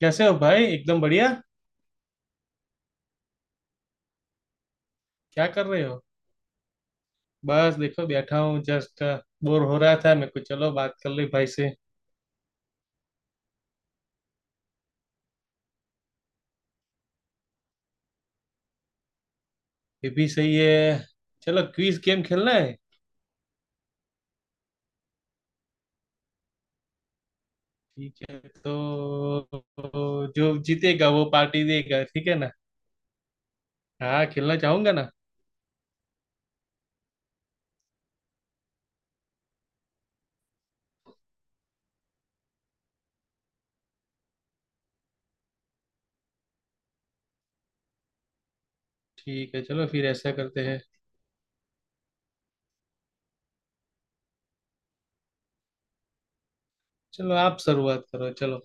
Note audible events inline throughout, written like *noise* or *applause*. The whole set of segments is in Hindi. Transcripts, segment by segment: कैसे हो भाई? एकदम बढ़िया। क्या कर रहे हो? बस देखो, बैठा हूँ जस्ट। बोर हो रहा था मेरे को, चलो बात कर ले भाई से। ये भी सही है। चलो क्विज गेम खेलना है। ठीक है तो जो जीतेगा वो पार्टी देगा, ठीक है ना। हाँ, खेलना चाहूंगा ना। ठीक है, चलो फिर ऐसा करते हैं। चलो आप शुरुआत करो, चलो।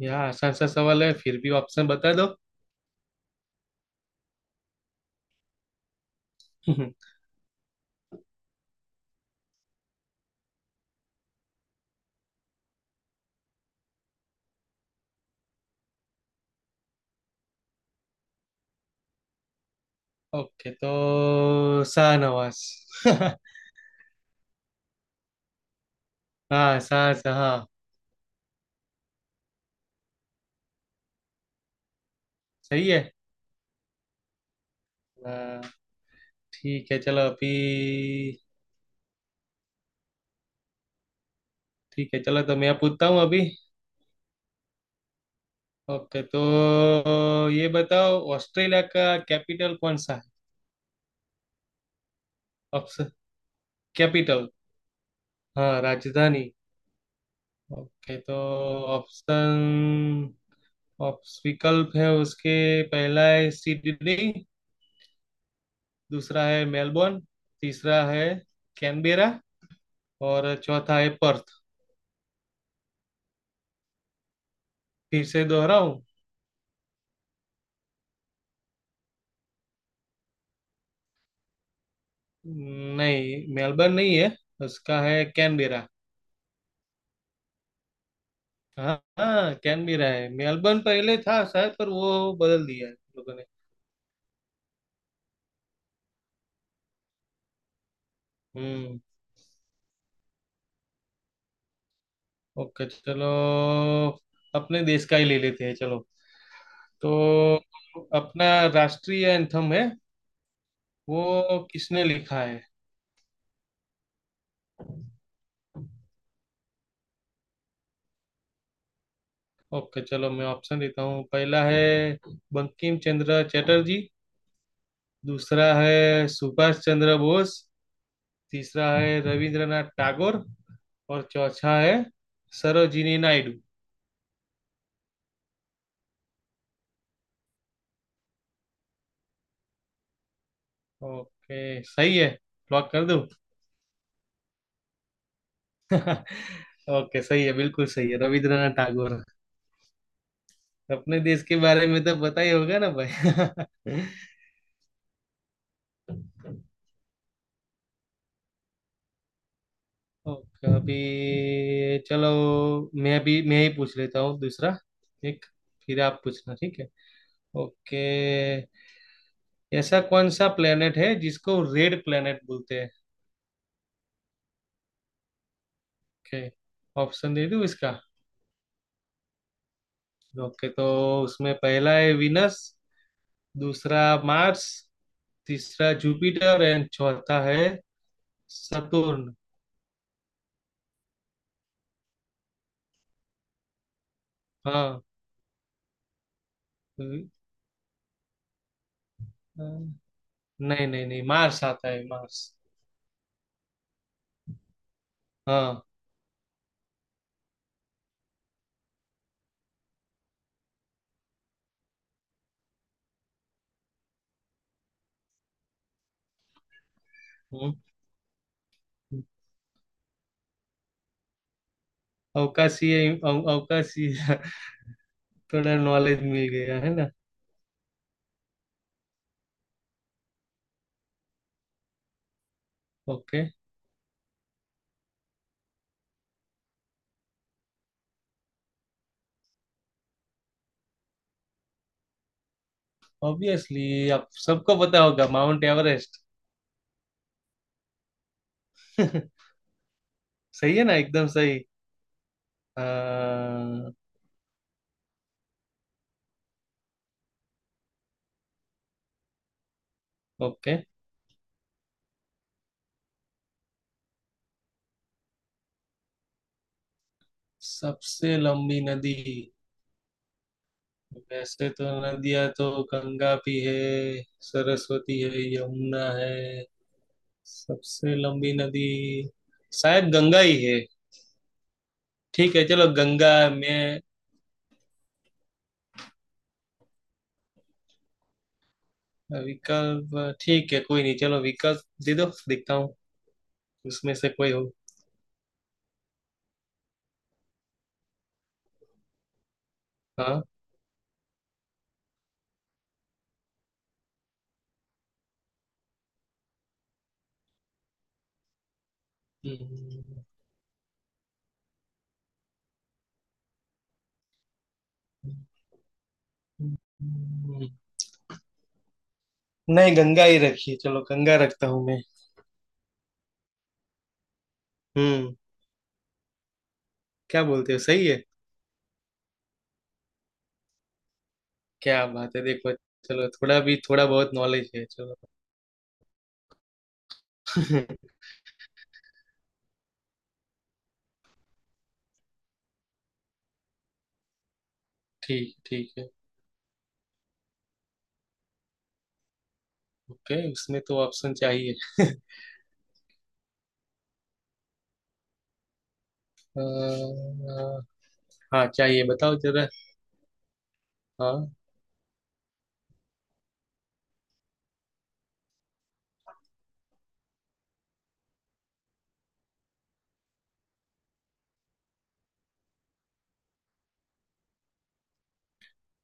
यहाँ आसान सा सवाल है, फिर भी ऑप्शन बता दो। *laughs* ओके, तो शाहनवाज। *laughs* हाँ, शाह, हाँ। सही है। हाँ, ठीक है चलो अभी। ठीक है, चलो तो मैं पूछता हूँ अभी। ओके तो ये बताओ, ऑस्ट्रेलिया का कैपिटल कौन सा है? ऑप्शन? कैपिटल। हाँ, राजधानी। ओके तो ऑप्शन, ऑप्स विकल्प है उसके। पहला है सिडनी। दूसरा है मेलबोर्न। तीसरा है कैनबेरा। और चौथा है पर्थ। फिर से दोहराऊं? नहीं, मेलबर्न नहीं है। उसका है कैनबेरा। हाँ हाँ, कैन भी रहा है। मेलबर्न पहले था शायद, पर वो बदल दिया है लोगों ने। हम्म। ओके चलो, अपने देश का ही ले लेते हैं, चलो। तो अपना राष्ट्रीय एंथम है, वो किसने लिखा है? ओके चलो, मैं ऑप्शन देता हूँ। पहला है बंकिम चंद्र चटर्जी। दूसरा है सुभाष चंद्र बोस। तीसरा है रविंद्रनाथ टैगोर। और चौथा है सरोजिनी नायडू। ओके, सही है। लॉक कर दूं? *laughs* ओके सही है, बिल्कुल सही है, रविंद्रनाथ टागोर। अपने देश के बारे में तो पता ही होगा ना भाई। *laughs* ओके अभी चलो, मैं ही पूछ लेता हूँ दूसरा। ठीक, फिर आप पूछना, ठीक है। ओके। ऐसा कौन सा प्लेनेट है जिसको रेड प्लेनेट बोलते हैं? ओके, ऑप्शन दे दूँ इसका? ओके तो उसमें पहला है विनस। दूसरा मार्स। तीसरा जुपिटर, एंड चौथा है सतुर्न। हाँ, नहीं, नहीं, नहीं, मार्स आता है, मार्स। हाँ। हम्म, अवकाशीय अवकाशीय। *laughs* थोड़ा नॉलेज मिल गया है ना। ओके, ऑब्वियसली आप सबको पता होगा, माउंट एवरेस्ट। *laughs* सही है ना, एकदम सही। हाँ, ओके। सबसे लंबी नदी? वैसे तो नदियां तो, गंगा भी है, सरस्वती है, यमुना है। सबसे लंबी नदी शायद गंगा ही है। ठीक है, चलो गंगा। मैं विकल्प, ठीक है, कोई नहीं, चलो विकल्प दे दो, देखता हूँ उसमें से कोई हो। हाँ। हम्म, नहीं, गंगा ही रखिए, चलो गंगा रखता हूँ मैं। हम्म। क्या बोलते हो, सही है? क्या बात है, देखो। चलो, थोड़ा भी, थोड़ा बहुत नॉलेज है, चलो। *laughs* ठीक ठीक है ओके, उसमें तो ऑप्शन चाहिए। *laughs* अ, अ, हाँ चाहिए, बताओ जरा। हाँ।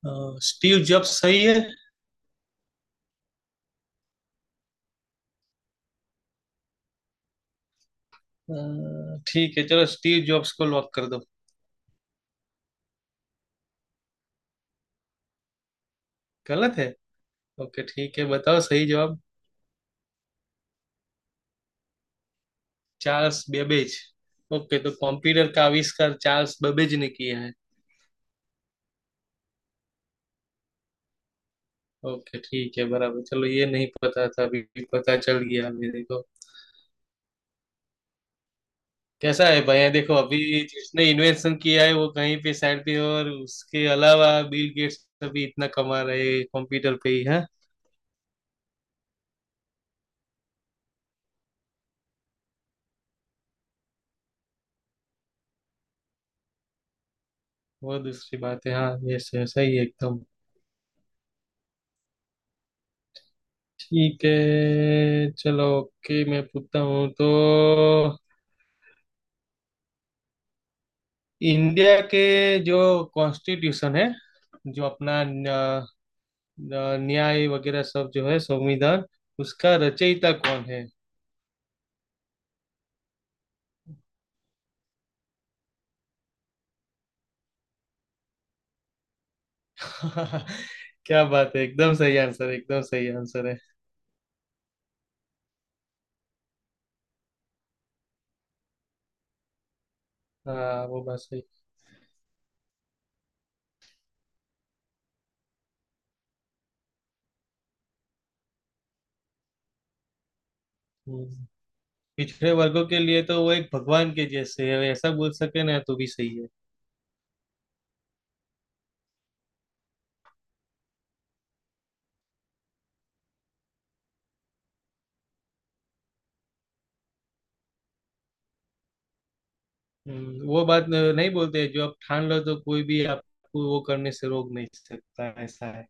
अ, स्टीव जॉब्स सही है। अ, ठीक है चलो, स्टीव जॉब्स को लॉक कर दो। गलत है? ओके ठीक है, बताओ सही जवाब। Charles Babbage. ओके, तो कंप्यूटर का आविष्कार चार्ल्स बेबेज ने किया है। ओके ठीक है, बराबर, चलो ये नहीं पता था अभी। पता चल गया मेरे को। कैसा है भाई देखो, अभी जिसने इन्वेंशन किया है वो कहीं पे साइड पे, और उसके अलावा बिल गेट्स अभी इतना कमा रहे हैं, कंप्यूटर पे ही है। वो दूसरी बात है, हाँ, ये सही सही है एकदम। ठीक है चलो, ओके मैं पूछता हूँ तो। इंडिया के जो कॉन्स्टिट्यूशन है, जो अपना न्याय वगैरह सब जो है, संविधान, उसका रचयिता कौन है? *laughs* क्या बात है, एकदम सही आंसर, एकदम सही आंसर है। हाँ वो बात सही। हम्म। पिछड़े वर्गों के लिए तो वो एक भगवान के जैसे है, ऐसा बोल सके ना तो भी सही है। वो बात नहीं बोलते, जो आप ठान लो तो कोई भी आपको वो करने से रोक नहीं सकता, ऐसा है।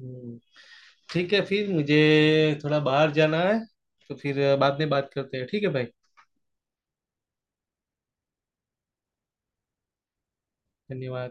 हम्म। ठीक है, फिर मुझे थोड़ा बाहर जाना है, तो फिर बाद में बात करते हैं, ठीक है भाई। धन्यवाद।